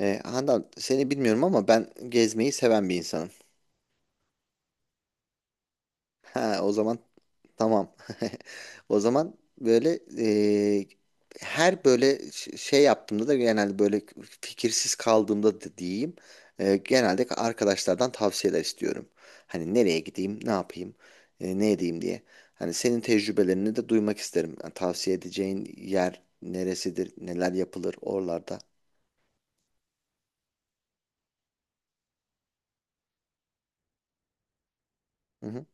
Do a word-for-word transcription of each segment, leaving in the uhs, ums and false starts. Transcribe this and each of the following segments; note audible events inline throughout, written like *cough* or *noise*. E, Handan seni bilmiyorum ama ben gezmeyi seven bir insanım. *laughs* Ha, o zaman tamam. *laughs* O zaman böyle e, her böyle ş- şey yaptığımda da genelde böyle fikirsiz kaldığımda da diyeyim. E, genelde arkadaşlardan tavsiyeler istiyorum. Hani nereye gideyim, ne yapayım, e, ne edeyim diye. Hani senin tecrübelerini de duymak isterim. Yani tavsiye edeceğin yer neresidir, neler yapılır oralarda. Hı hı.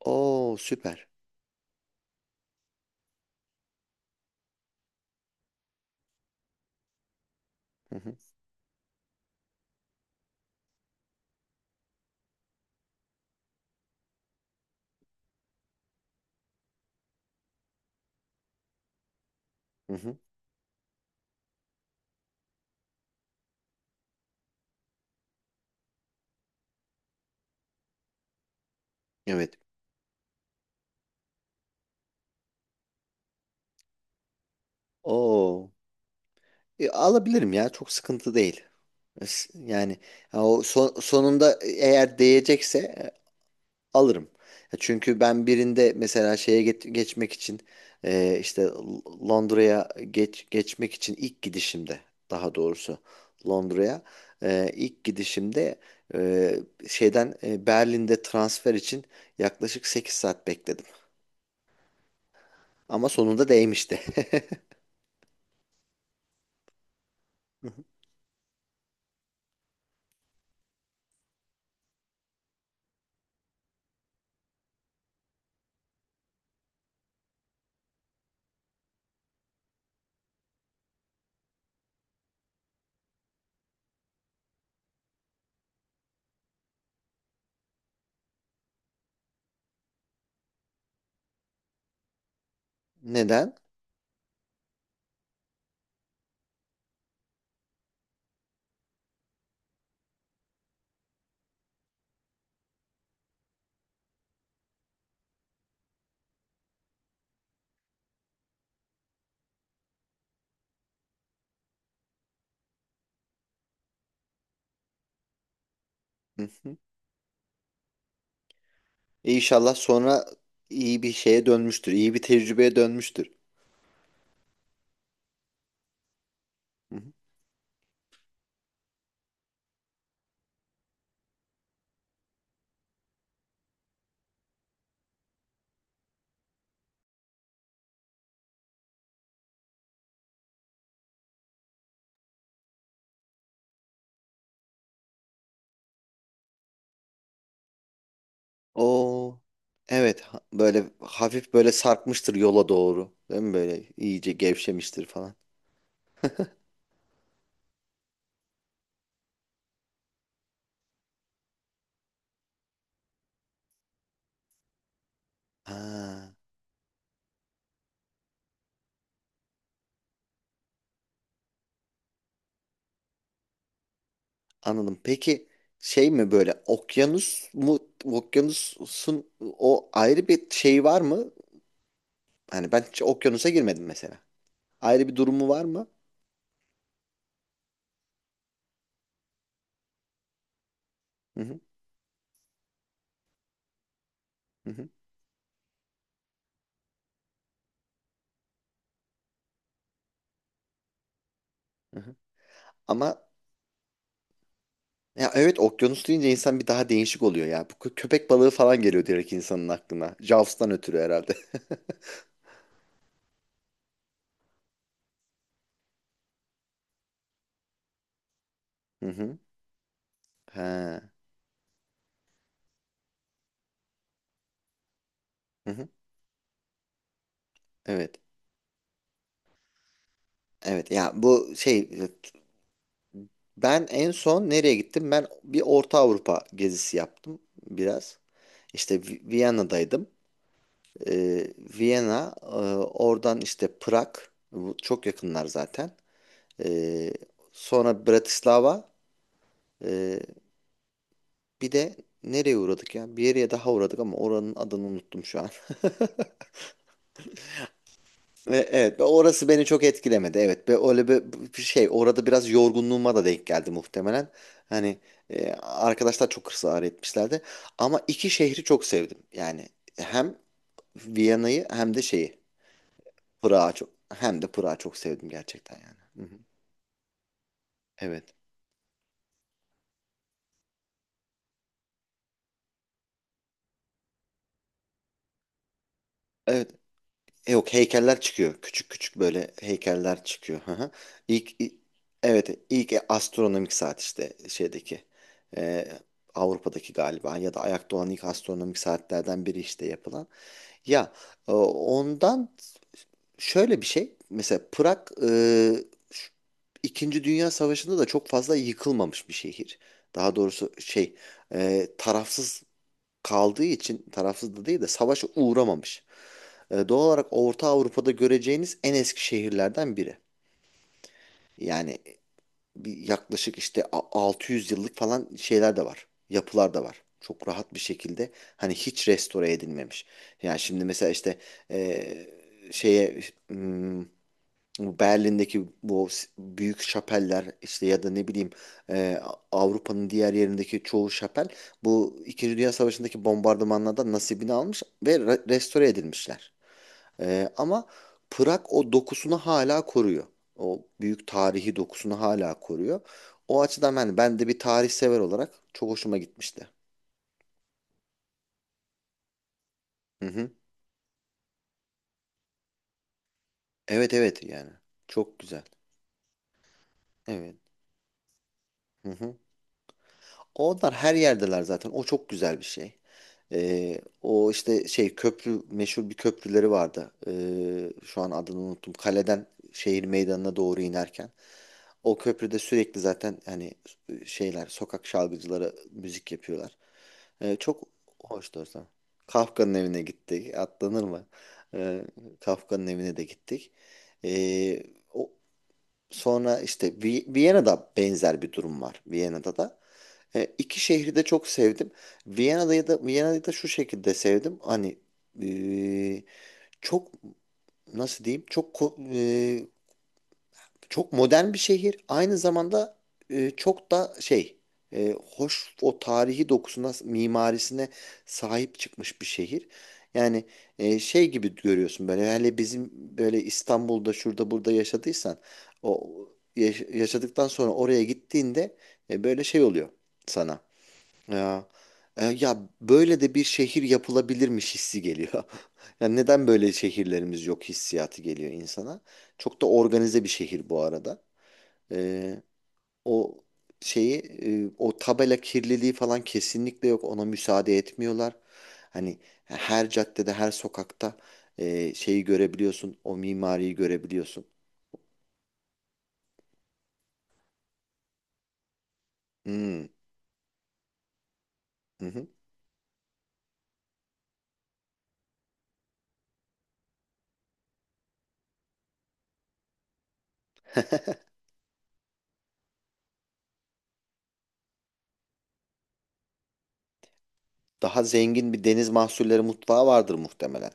Oo süper. Hı hı. Hı hı. Evet. Oo. E, alabilirim ya, çok sıkıntı değil. Es- Yani ha, o son- sonunda e, eğer değecekse e, alırım. Ya, çünkü ben birinde mesela şeye get- geçmek için e, işte L- Londra'ya geç geçmek için ilk gidişimde, daha doğrusu Londra'ya e, ilk gidişimde, e, şeyden e, Berlin'de transfer için yaklaşık sekiz saat bekledim. Ama sonunda değmişti. *laughs* Neden? E, İnşallah sonra iyi bir şeye dönmüştür. İyi bir tecrübeye dönmüştür. Hı hı. Oo. Evet, ha- böyle hafif böyle sarkmıştır yola doğru. Değil mi? Böyle iyice gevşemiştir falan. Ha, anladım. Peki şey mi, böyle okyanus mu, okyanusun o ayrı bir şey var mı? Hani ben hiç okyanusa girmedim mesela. Ayrı bir durumu var mı? Hı hı, hı hı, hı hı. Ama ya, evet, okyanus deyince insan bir daha değişik oluyor ya. Bu kö- köpek balığı falan geliyor direkt insanın aklına. Jaws'tan ötürü herhalde. *laughs* Hı hı. Ha. Hı hı. Evet. Evet ya, bu şey, ben en son nereye gittim? Ben bir Orta Avrupa gezisi yaptım biraz. İşte Vi- Viyana'daydım. Ee, Viyana, e, oradan işte Prag, bu çok yakınlar zaten. Ee, Sonra Bratislava, bir de nereye uğradık ya? Bir yere daha uğradık ama oranın adını unuttum şu an. *laughs* E, Evet, ve orası beni çok etkilemedi. Evet, ve öyle bir bir şey, orada biraz yorgunluğuma da denk geldi muhtemelen. Hani e, arkadaşlar çok ısrar etmişlerdi. Ama iki şehri çok sevdim. Yani hem Viyana'yı hem de şeyi, Prag'ı çok, hem de Prag'ı çok sevdim gerçekten yani. Hı hı. Evet. Evet. E, yok, heykeller çıkıyor. Küçük küçük böyle heykeller çıkıyor. Hı hı. İlk, i- evet, ilk e, astronomik saat işte şeydeki e, Avrupa'daki galiba, ya da ayakta olan ilk astronomik saatlerden biri işte yapılan. Ya, e, ondan şöyle bir şey mesela. Prag e, şu- İkinci Dünya Savaşı'nda da çok fazla yıkılmamış bir şehir. Daha doğrusu şey, e, tarafsız kaldığı için, tarafsız da değil de savaşa uğramamış. E, doğal olarak Orta Avrupa'da göreceğiniz en eski şehirlerden biri. Yani bir yaklaşık işte a- altı yüz yıllık falan şeyler de var. Yapılar da var. Çok rahat bir şekilde, hani hiç restore edilmemiş. Yani şimdi mesela işte e, şeye, hmm, bu Berlin'deki bu s- büyük şapeller işte, ya da ne bileyim, e, Avrupa'nın diğer yerindeki çoğu şapel bu İkinci Dünya Savaşı'ndaki bombardımanlardan nasibini almış ve re- restore edilmişler. Ee, ama Prag o dokusunu hala koruyor. O büyük tarihi dokusunu hala koruyor. O açıdan ben, ben de bir tarih sever olarak çok hoşuma gitmişti. Hı hı. Evet, evet yani. Çok güzel. Evet. Hı hı. Onlar her yerdeler zaten. O çok güzel bir şey. Ee, o işte şey, köprü, meşhur bir köprüleri vardı. Ee, şu an adını unuttum. Kaleden şehir meydanına doğru inerken. O köprüde sürekli zaten hani şeyler, sokak şarkıcıları müzik yapıyorlar. Ee, çok hoştu ortam. Kafka'nın evine gittik. Atlanır mı? Ee, Kafka'nın evine de gittik. Ee, O, sonra işte Vi- Viyana'da benzer bir durum var. Viyana'da da. Ee, iki şehri de çok sevdim. Viyana'da da, Viyana'yı da şu şekilde sevdim. Hani ee, çok, nasıl diyeyim? Çok ko- ee, çok modern bir şehir. Aynı zamanda e, çok da şey, e, hoş, o tarihi dokusuna, mimarisine sahip çıkmış bir şehir. Yani e, şey gibi görüyorsun, böyle hele bizim böyle İstanbul'da şurada burada yaşadıysan, o yaş- yaşadıktan sonra oraya gittiğinde e, böyle şey oluyor sana. Ya, e, ya böyle de bir şehir yapılabilirmiş hissi geliyor. *laughs* Yani neden böyle şehirlerimiz yok hissiyatı geliyor insana. Çok da organize bir şehir bu arada. E, O şeyi, e, o tabela kirliliği falan kesinlikle yok. Ona müsaade etmiyorlar. Hani her caddede, her sokakta e, şeyi görebiliyorsun, o mimariyi görebiliyorsun. Hmm, hı hı. Daha zengin bir deniz mahsulleri mutfağı vardır muhtemelen.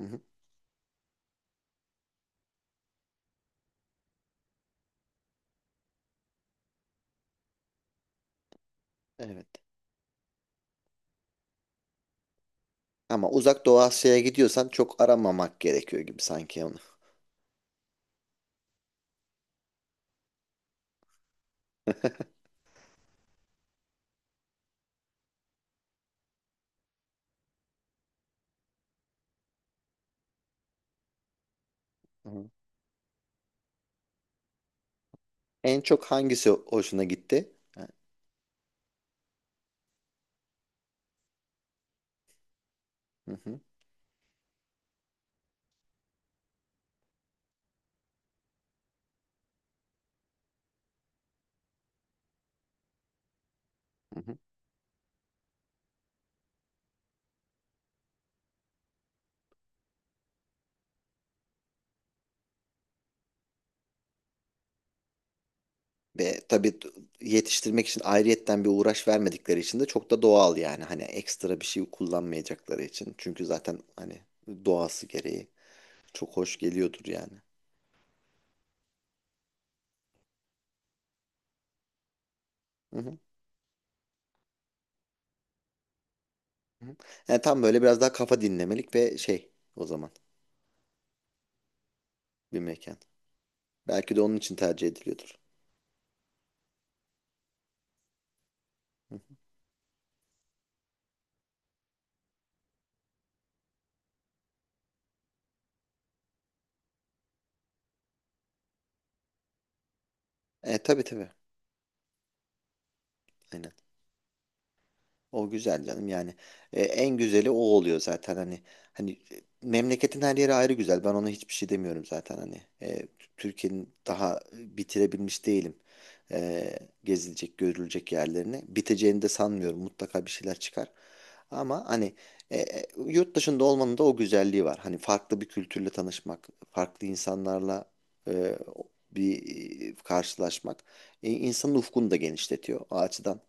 Hı hı. Evet. Ama uzak Doğu Asya'ya gidiyorsan çok aramamak gerekiyor gibi sanki onu. Hı hı. En çok hangisi hoşuna gitti? Ha, hı hı, hı hı. Ve tabii t- yetiştirmek için ayrıyetten bir uğraş vermedikleri için de çok da doğal yani. Hani ekstra bir şey kullanmayacakları için. Çünkü zaten hani doğası gereği çok hoş geliyordur yani. Hı hı, hı hı. Yani tam böyle biraz daha kafa dinlemelik ve şey, o zaman bir mekan. Belki de onun için tercih ediliyordur. Hı. E tabii, tabii. Aynen. O güzel canım yani. E, en güzeli o oluyor zaten hani, hani e, memleketin her yeri ayrı güzel, ben ona hiçbir şey demiyorum zaten hani. E, Türkiye'nin daha e, bitirebilmiş değilim E, gezilecek görülecek yerlerini, biteceğini de sanmıyorum, mutlaka bir şeyler çıkar ama hani e, e, yurt dışında olmanın da o güzelliği var, hani farklı bir kültürle tanışmak, farklı insanlarla e, bir e, karşılaşmak, e, insanın ufkunu da genişletiyor o açıdan.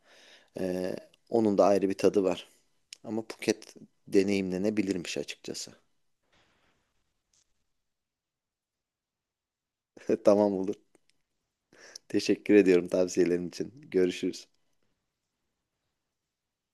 Ee, Onun da ayrı bir tadı var. Ama Phuket deneyimlenebilirmiş açıkçası. *laughs* Tamam, olur. Teşekkür ediyorum tavsiyelerin için. Görüşürüz.